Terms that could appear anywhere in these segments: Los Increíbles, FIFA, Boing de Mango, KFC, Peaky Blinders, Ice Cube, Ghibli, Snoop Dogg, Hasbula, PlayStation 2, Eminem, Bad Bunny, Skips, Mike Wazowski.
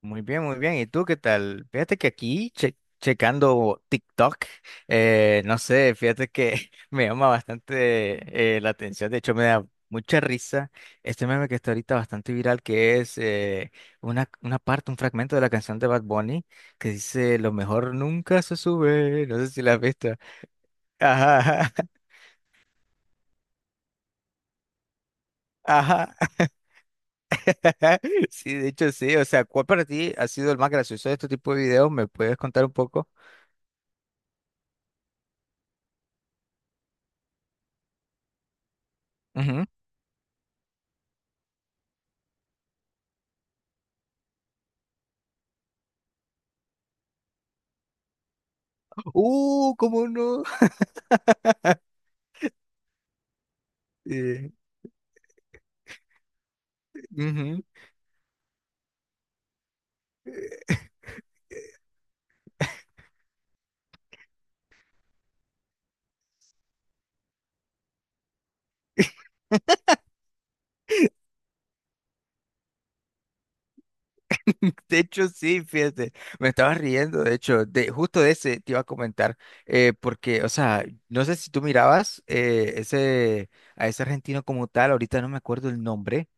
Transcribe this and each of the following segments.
Muy bien, muy bien. ¿Y tú qué tal? Fíjate que aquí, checando TikTok, no sé, fíjate que me llama bastante la atención. De hecho, me da mucha risa este meme que está ahorita bastante viral, que es una parte, un fragmento de la canción de Bad Bunny que dice, Lo mejor nunca se sube. No sé si la has visto. Ajá, ajá. Sí, de hecho sí. O sea, ¿cuál para ti ha sido el más gracioso de este tipo de videos? ¿Me puedes contar un poco? ¿Cómo no? Eh, ujú. De hecho, sí, fíjate, me estaba riendo, de hecho, de, justo de ese te iba a comentar, porque, o sea, no sé si tú mirabas ese, a ese argentino como tal, ahorita no me acuerdo el nombre,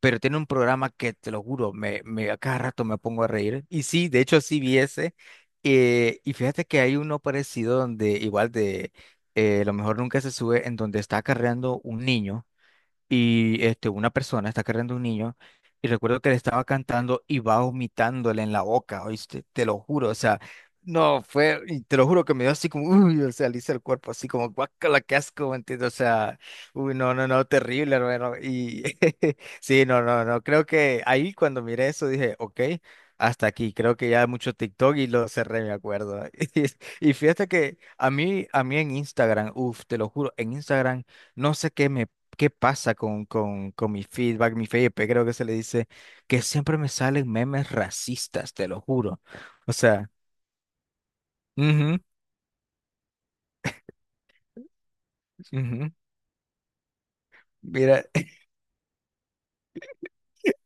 pero tiene un programa que, te lo juro, me, a cada rato me pongo a reír, y sí, de hecho, sí vi ese, y fíjate que hay uno parecido donde, igual de, lo mejor nunca se sube, en donde está acarreando un niño. Y este, una persona está cargando un niño y recuerdo que le estaba cantando y va vomitándole en la boca, ¿oíste? Te lo juro, o sea, no, fue, y te lo juro que me dio así como, uy, o sea, le hice el cuerpo así como, guácala, qué asco, ¿me entiendes? O sea, uy, no, no, no, terrible, hermano, y sí, no, no, no, creo que ahí cuando miré eso dije, ok. Hasta aquí, creo que ya mucho TikTok y lo cerré, me acuerdo. Y fíjate que a mí en Instagram, uff, te lo juro, en Instagram no sé qué me qué pasa con mi feedback, mi FYP, creo que se le dice, que siempre me salen memes racistas, te lo juro. O sea, ujú, ujú, mira.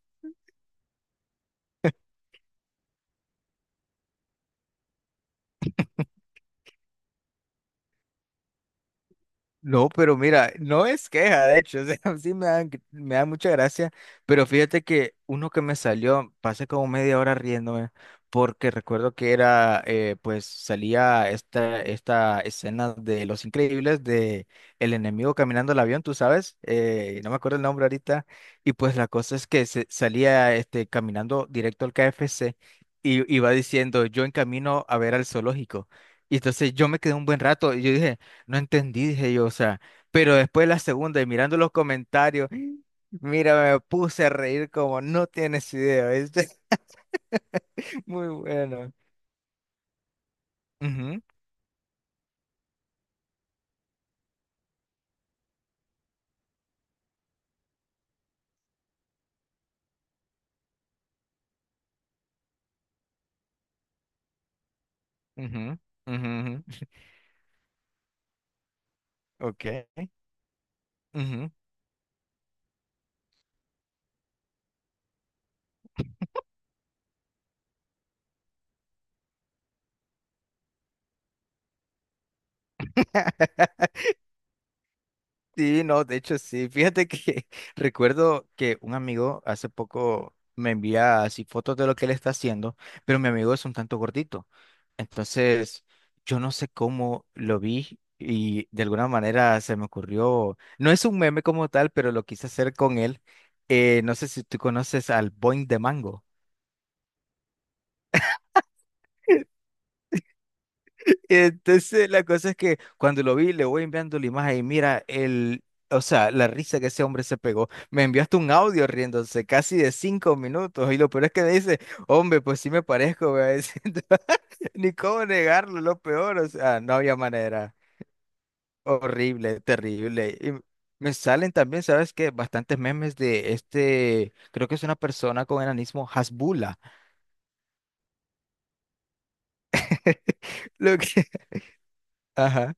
No, pero mira, no es queja, de hecho, o sea, sí me dan, me da mucha gracia, pero fíjate que uno que me salió, pasé como media hora riéndome, porque recuerdo que era, pues salía esta escena de Los Increíbles, de el enemigo caminando el avión, tú sabes, no me acuerdo el nombre ahorita, y pues la cosa es que se, salía este, caminando directo al KFC y iba diciendo, yo en camino a ver al zoológico. Y entonces yo me quedé un buen rato y yo dije, no entendí, dije yo, o sea, pero después la segunda y mirando los comentarios, mira, me puse a reír como no tienes idea, ¿viste? Muy bueno. Ujú, ujú, ujú, ujú. Ok. Ujú. Sí, no, de hecho sí. Fíjate que recuerdo que un amigo hace poco me envía así fotos de lo que él está haciendo, pero mi amigo es un tanto gordito. Entonces, yo no sé cómo lo vi y de alguna manera se me ocurrió, no es un meme como tal, pero lo quise hacer con él. No sé si tú conoces al Boing de Mango. Entonces, la cosa es que cuando lo vi, le voy enviando la imagen y mira, el, o sea, la risa que ese hombre se pegó. Me envió hasta un audio riéndose casi de 5 minutos. Y lo peor es que me dice, hombre, pues sí me parezco, me va diciendo. Ni cómo negarlo, lo peor, o sea, no había manera. Horrible, terrible. Y me salen también, ¿sabes qué? Bastantes memes de este, creo que es una persona con enanismo, Hasbula. Lo que, ajá.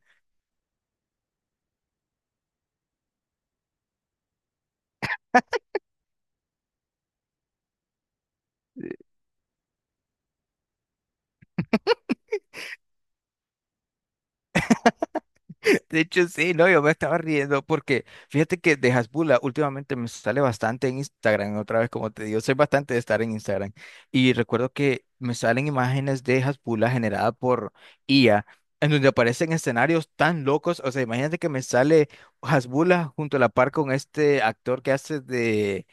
De hecho, sí, no, yo me estaba riendo porque fíjate que de Hasbula últimamente me sale bastante en Instagram, otra vez como te digo, soy bastante de estar en Instagram y recuerdo que me salen imágenes de Hasbula generada por IA en donde aparecen escenarios tan locos, o sea, imagínate que me sale Hasbula junto a la par con este actor que hace de,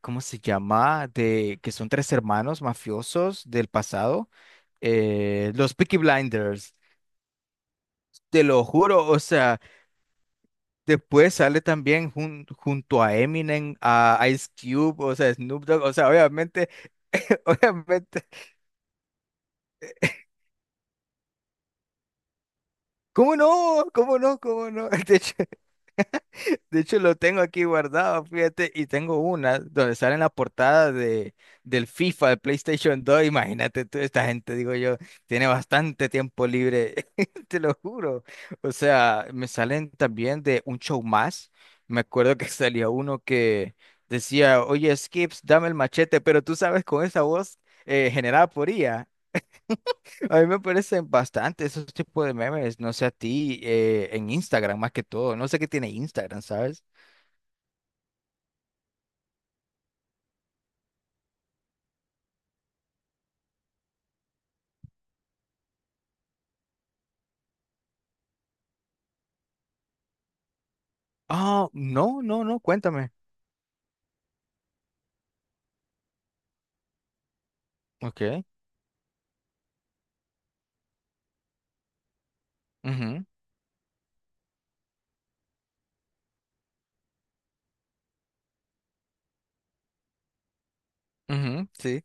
¿cómo se llama? De que son tres hermanos mafiosos del pasado, los Peaky Blinders, te lo juro, o sea... Después sale también junto a Eminem, a Ice Cube, o sea, Snoop Dogg, o sea, obviamente, obviamente. ¿Cómo no? ¿Cómo no? ¿Cómo no? De hecho, lo tengo aquí guardado, fíjate, y tengo una donde sale en la portada de, del FIFA, de PlayStation 2. Imagínate tú, esta gente, digo yo, tiene bastante tiempo libre, te lo juro. O sea, me salen también de un show más. Me acuerdo que salía uno que decía, oye, Skips, dame el machete, pero tú sabes, con esa voz generada por IA. A mí me parecen bastante esos tipos de memes, no sé a ti, en Instagram más que todo. No sé qué tiene Instagram, ¿sabes? Oh, no, no, no, cuéntame. Ok. Ujú, ujú, sí.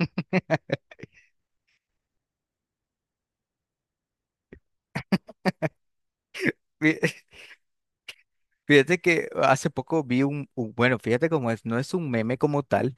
Fí- Fíjate que hace poco vi un, bueno, fíjate cómo es, no es un meme como tal,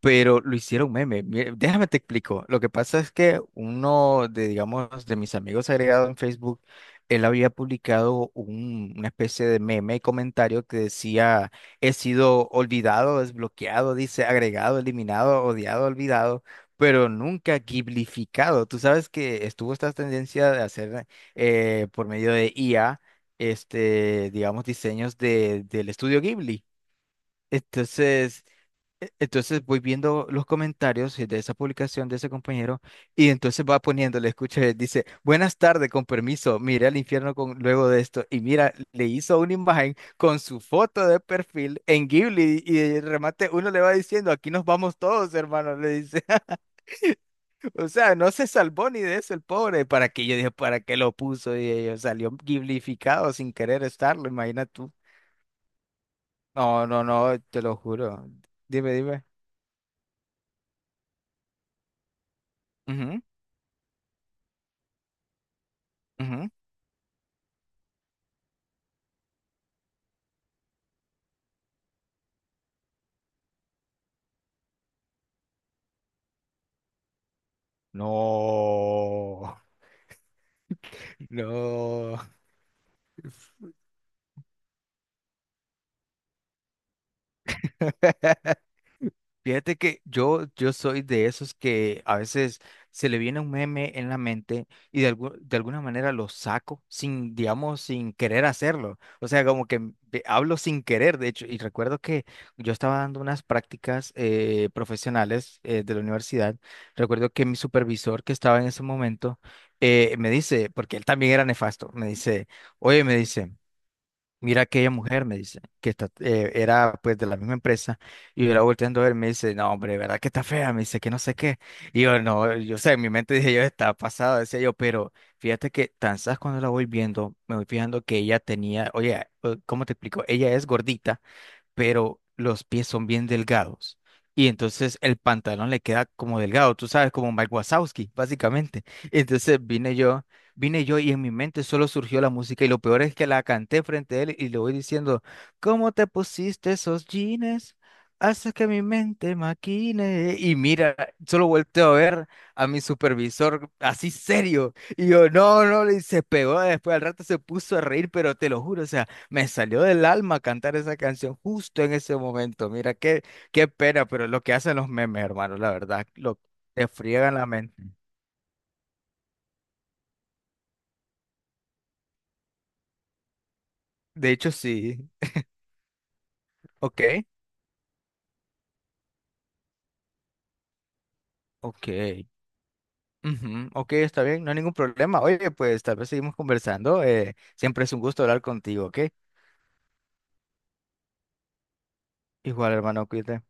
pero lo hicieron meme. Mira, déjame te explico. Lo que pasa es que uno de, digamos, de mis amigos agregados en Facebook, él había publicado una especie de meme y comentario que decía, he sido olvidado, desbloqueado, dice, agregado, eliminado, odiado, olvidado, pero nunca giblificado. Tú sabes que estuvo esta tendencia de hacer por medio de IA, este, digamos, diseños de, del estudio Ghibli. Entonces... Entonces voy viendo los comentarios de esa publicación de ese compañero y entonces va poniéndole, escuché, dice, buenas tardes, con permiso, miré al infierno con, luego de esto y mira, le hizo una imagen con su foto de perfil en Ghibli y de remate uno le va diciendo, aquí nos vamos todos, hermano, le dice, o sea, no se salvó ni de eso el pobre, para qué yo dije, para qué lo puso y salió Ghiblificado sin querer estarlo, imagina tú. No, no, no, te lo juro. Dime, dime. Ujú, ujú. No, no. Fíjate que yo soy de esos que a veces se le viene un meme en la mente y de, de alguna manera lo saco sin, digamos, sin querer hacerlo. O sea, como que hablo sin querer, de hecho. Y recuerdo que yo estaba dando unas prácticas profesionales de la universidad. Recuerdo que mi supervisor que estaba en ese momento me dice, porque él también era nefasto, me dice, oye, me dice. Mira aquella mujer, me dice, que está, era pues de la misma empresa, y yo la volteando a ver, me dice, no, hombre, ¿verdad que está fea? Me dice que no sé qué. Y yo, no, yo sé, en mi mente dije, yo está pasada, decía yo, pero fíjate que tan sabes cuando la voy viendo, me voy fijando que ella tenía, oye, ¿cómo te explico? Ella es gordita, pero los pies son bien delgados. Y entonces el pantalón le queda como delgado, tú sabes, como Mike Wazowski, básicamente. Entonces vine yo, vine yo, y en mi mente solo surgió la música y lo peor es que la canté frente a él y le voy diciendo, ¿cómo te pusiste esos jeans? Hace que mi mente maquine. Y mira, solo volteo a ver a mi supervisor así serio. Y yo, no, no, le se pegó. Después al rato se puso a reír, pero te lo juro, o sea, me salió del alma cantar esa canción justo en ese momento. Mira, qué pena, pero es lo que hacen los memes, hermano, la verdad, lo te friegan la mente. De hecho, sí. Ok, ok. Ujú, ok, está bien, no hay ningún problema. Oye, pues tal vez seguimos conversando. Siempre es un gusto hablar contigo, ¿ok? Igual, hermano, cuídate.